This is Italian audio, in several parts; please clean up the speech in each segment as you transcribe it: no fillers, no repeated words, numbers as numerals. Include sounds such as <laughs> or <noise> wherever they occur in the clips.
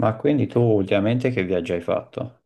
Ma quindi tu ultimamente che viaggio hai fatto?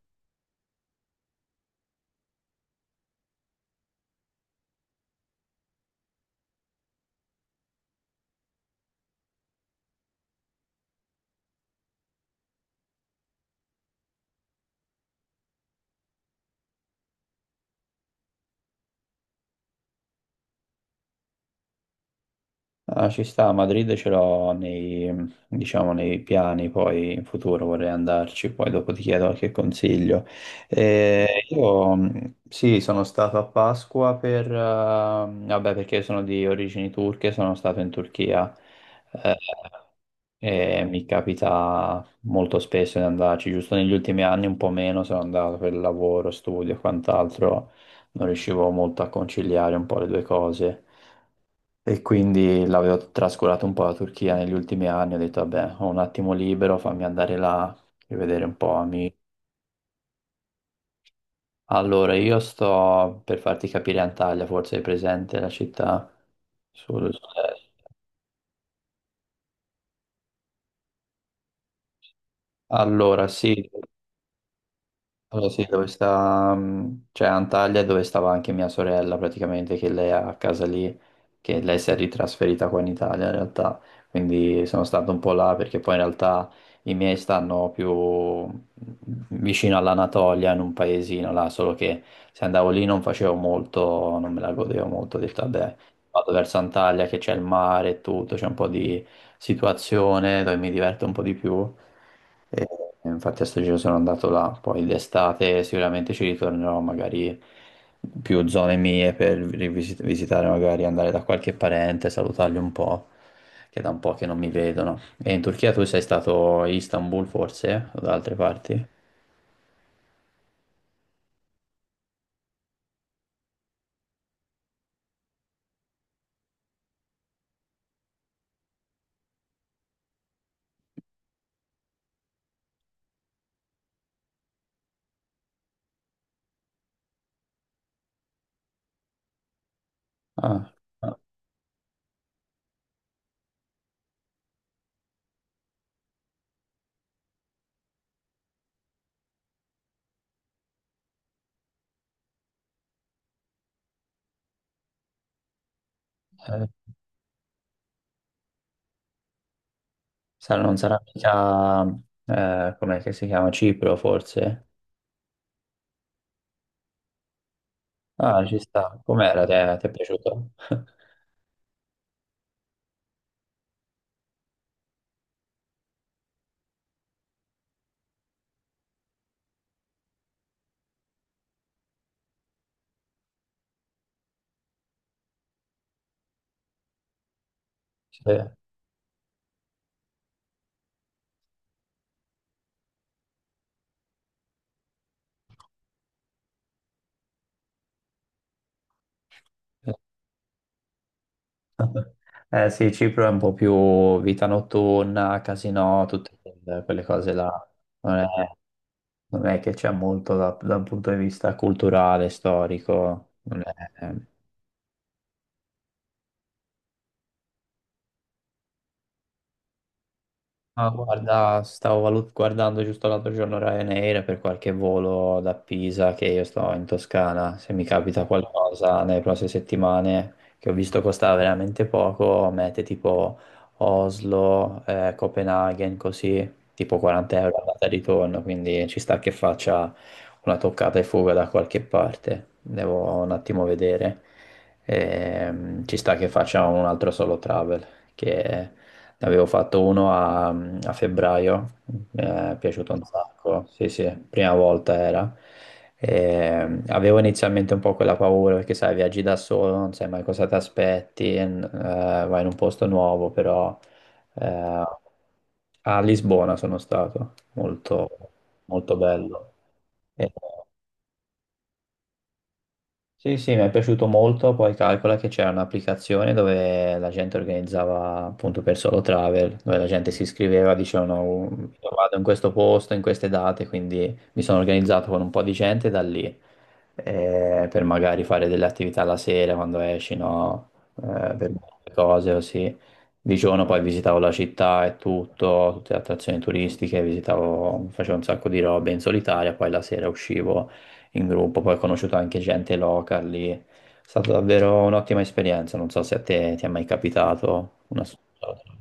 Ah, ci sta, a Madrid ce l'ho nei, diciamo, nei piani, poi in futuro vorrei andarci, poi dopo ti chiedo qualche consiglio. Io sì, sono stato a Pasqua per, vabbè, perché sono di origini turche, sono stato in Turchia. eh, E mi capita molto spesso di andarci, giusto negli ultimi anni un po' meno sono andato per lavoro, studio e quant'altro, non riuscivo molto a conciliare un po' le due cose e quindi l'avevo trascurato un po' la Turchia negli ultimi anni, ho detto vabbè, ho un attimo libero, fammi andare là e vedere un po' amici. Allora, io sto per farti capire Antalya, forse è presente la città sul... sul- Allora, sì, Allora, sì, dove sta, cioè Antalya è dove stava anche mia sorella praticamente, che lei ha a casa lì, che lei si è ritrasferita qua in Italia in realtà, quindi sono stato un po' là perché poi in realtà i miei stanno più mm, vicino all'Anatolia in un paesino là, solo che se andavo lì non facevo molto, non me la godevo molto, ho detto vabbè, vado verso Antalya che c'è il mare e tutto, c'è un po' di situazione dove mi diverto un po' di più. E, e infatti a sto giro sono andato là, poi d'estate sicuramente ci ritornerò magari più zone mie per visitare, magari andare da qualche parente, salutarli un po', che è da un po' che non mi vedono. E in Turchia tu sei stato a Istanbul forse o da altre parti? Ah, ah, eh, non sarà mica, com'è che si chiama, Cipro forse? Ah, ci sta. Com'era? Ti è piaciuto? <laughs> Sì. Eh sì, Cipro è un po' più vita notturna, casino, tutte quelle cose là. Non è, non è che c'è molto dal punto di vista culturale, storico. Non è- Ah, guarda, stavo guardando giusto l'altro giorno Ryanair per qualche volo da Pisa che io sto in Toscana. Se mi capita qualcosa nelle prossime settimane che ho visto costava veramente poco, mete tipo Oslo, Copenaghen, così, tipo 40 euro andata e ritorno, quindi ci sta che faccia una toccata e fuga da qualche parte. Devo un attimo vedere. Ci sta che faccia un altro solo travel che ne avevo fatto uno a, a febbraio, mi è piaciuto un, no, sacco, sì sì, prima volta era. E, avevo inizialmente un po' quella paura perché sai, viaggi da solo, non sai mai cosa ti aspetti, vai in un posto nuovo, però eh, a Lisbona sono stato, molto, molto bello. E- sì, sì, mi è piaciuto molto, poi calcola che c'era un'applicazione dove la gente organizzava appunto per solo travel, dove la gente si iscriveva, dicevano "Oh, "Io vado in questo posto, in queste date, quindi mi sono organizzato con un po' di gente da lì, per magari fare delle attività la sera quando esci, no? Eh, per molte cose così. Di giorno poi visitavo la città e tutto, tutte le attrazioni turistiche, visitavo, facevo un sacco di robe in solitaria, poi la sera uscivo in gruppo, poi ho conosciuto anche gente local lì. È stata davvero un'ottima esperienza, non so se a te ti è mai capitato una... situazione.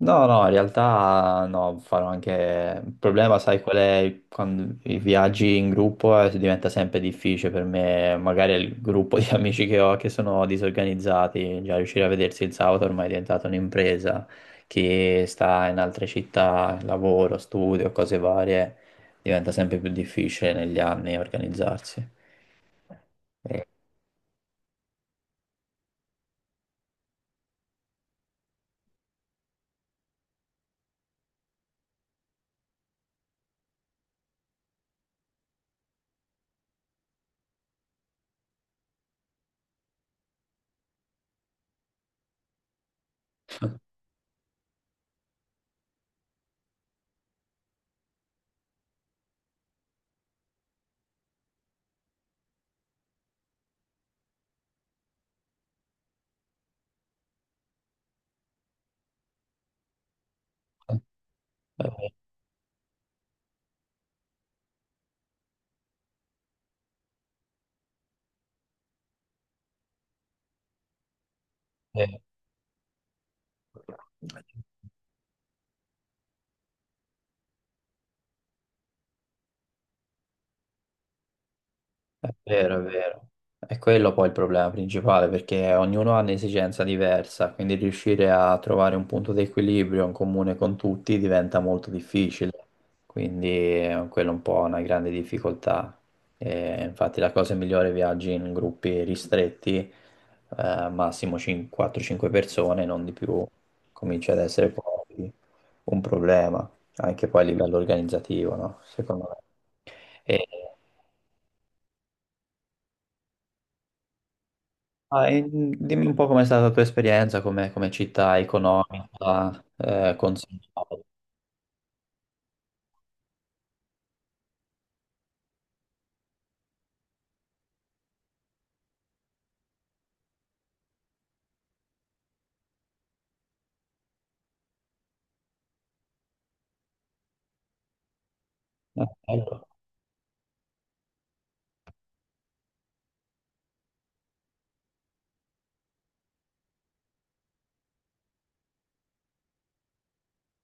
No, no, in realtà no, farò anche... Il problema, sai qual è? Quando i viaggi in gruppo diventa sempre difficile per me, magari il gruppo di <laughs> amici che ho che sono disorganizzati, già riuscire a vedersi il sabato ormai è diventata un'impresa, chi sta in altre città, lavoro, studio, cose varie, diventa sempre più difficile negli anni organizzarsi. Eh, eh, eh. È vero, è vero. È quello poi il problema principale, perché ognuno ha un'esigenza diversa, quindi riuscire a trovare un punto di equilibrio in comune con tutti diventa molto difficile. Quindi quello è un po' una grande difficoltà. E infatti la cosa migliore è viaggi in gruppi ristretti, massimo 5 4-5 persone, non di più. Comincia ad essere poi un problema, anche poi a livello organizzativo, no? Secondo me. Ah, e dimmi un po' com'è stata la tua esperienza come città economica, consigliata. Ecco,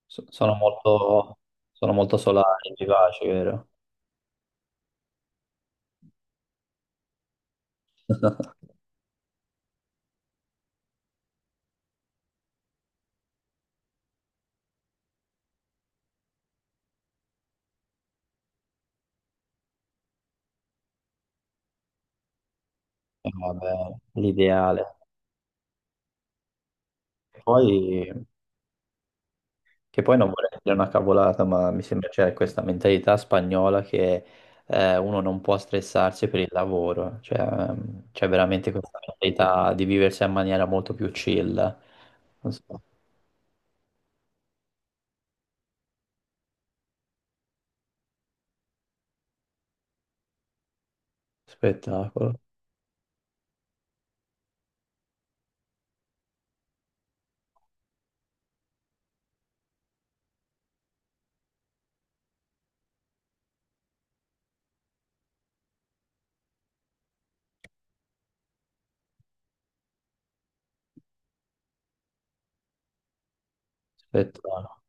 so- sono molto, sono molto solare, vivace, vero? <laughs> Vabbè, l'ideale. Poi, che poi non vorrei dire una cavolata, ma mi sembra c'è questa mentalità spagnola che uno non può stressarsi per il lavoro, cioè c'è veramente questa mentalità di viversi in maniera molto più chill. Non so. Spettacolo, spettacolo.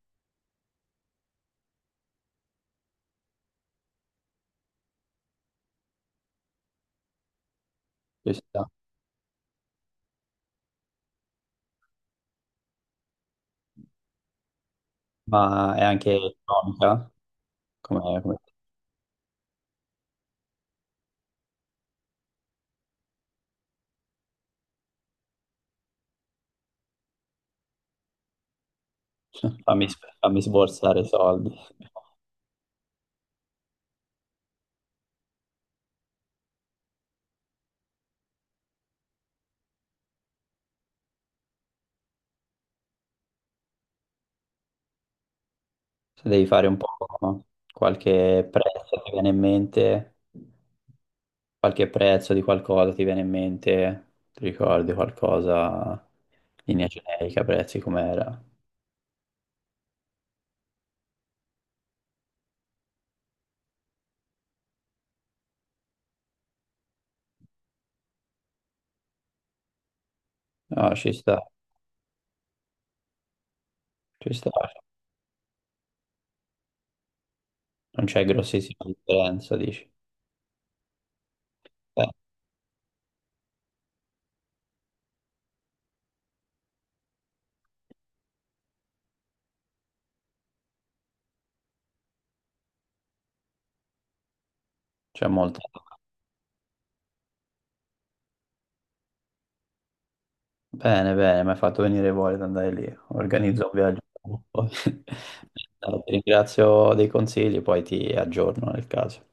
Ci sta. Ma è anche economica, come, come- <laughs> fammi sborsare i soldi. Se devi fare un po' qualche prezzo, ti viene in mente, qualche prezzo di qualcosa ti viene in mente, ti ricordi qualcosa, linea generica, prezzi com'era? No, ci sta, non c'è grossissima differenza, dici? Eh, c'è molta. Bene, bene, mi hai fatto venire voglia di andare lì. Organizzo un viaggio. <laughs> Poi- no, ti ringrazio dei consigli, poi ti aggiorno nel caso.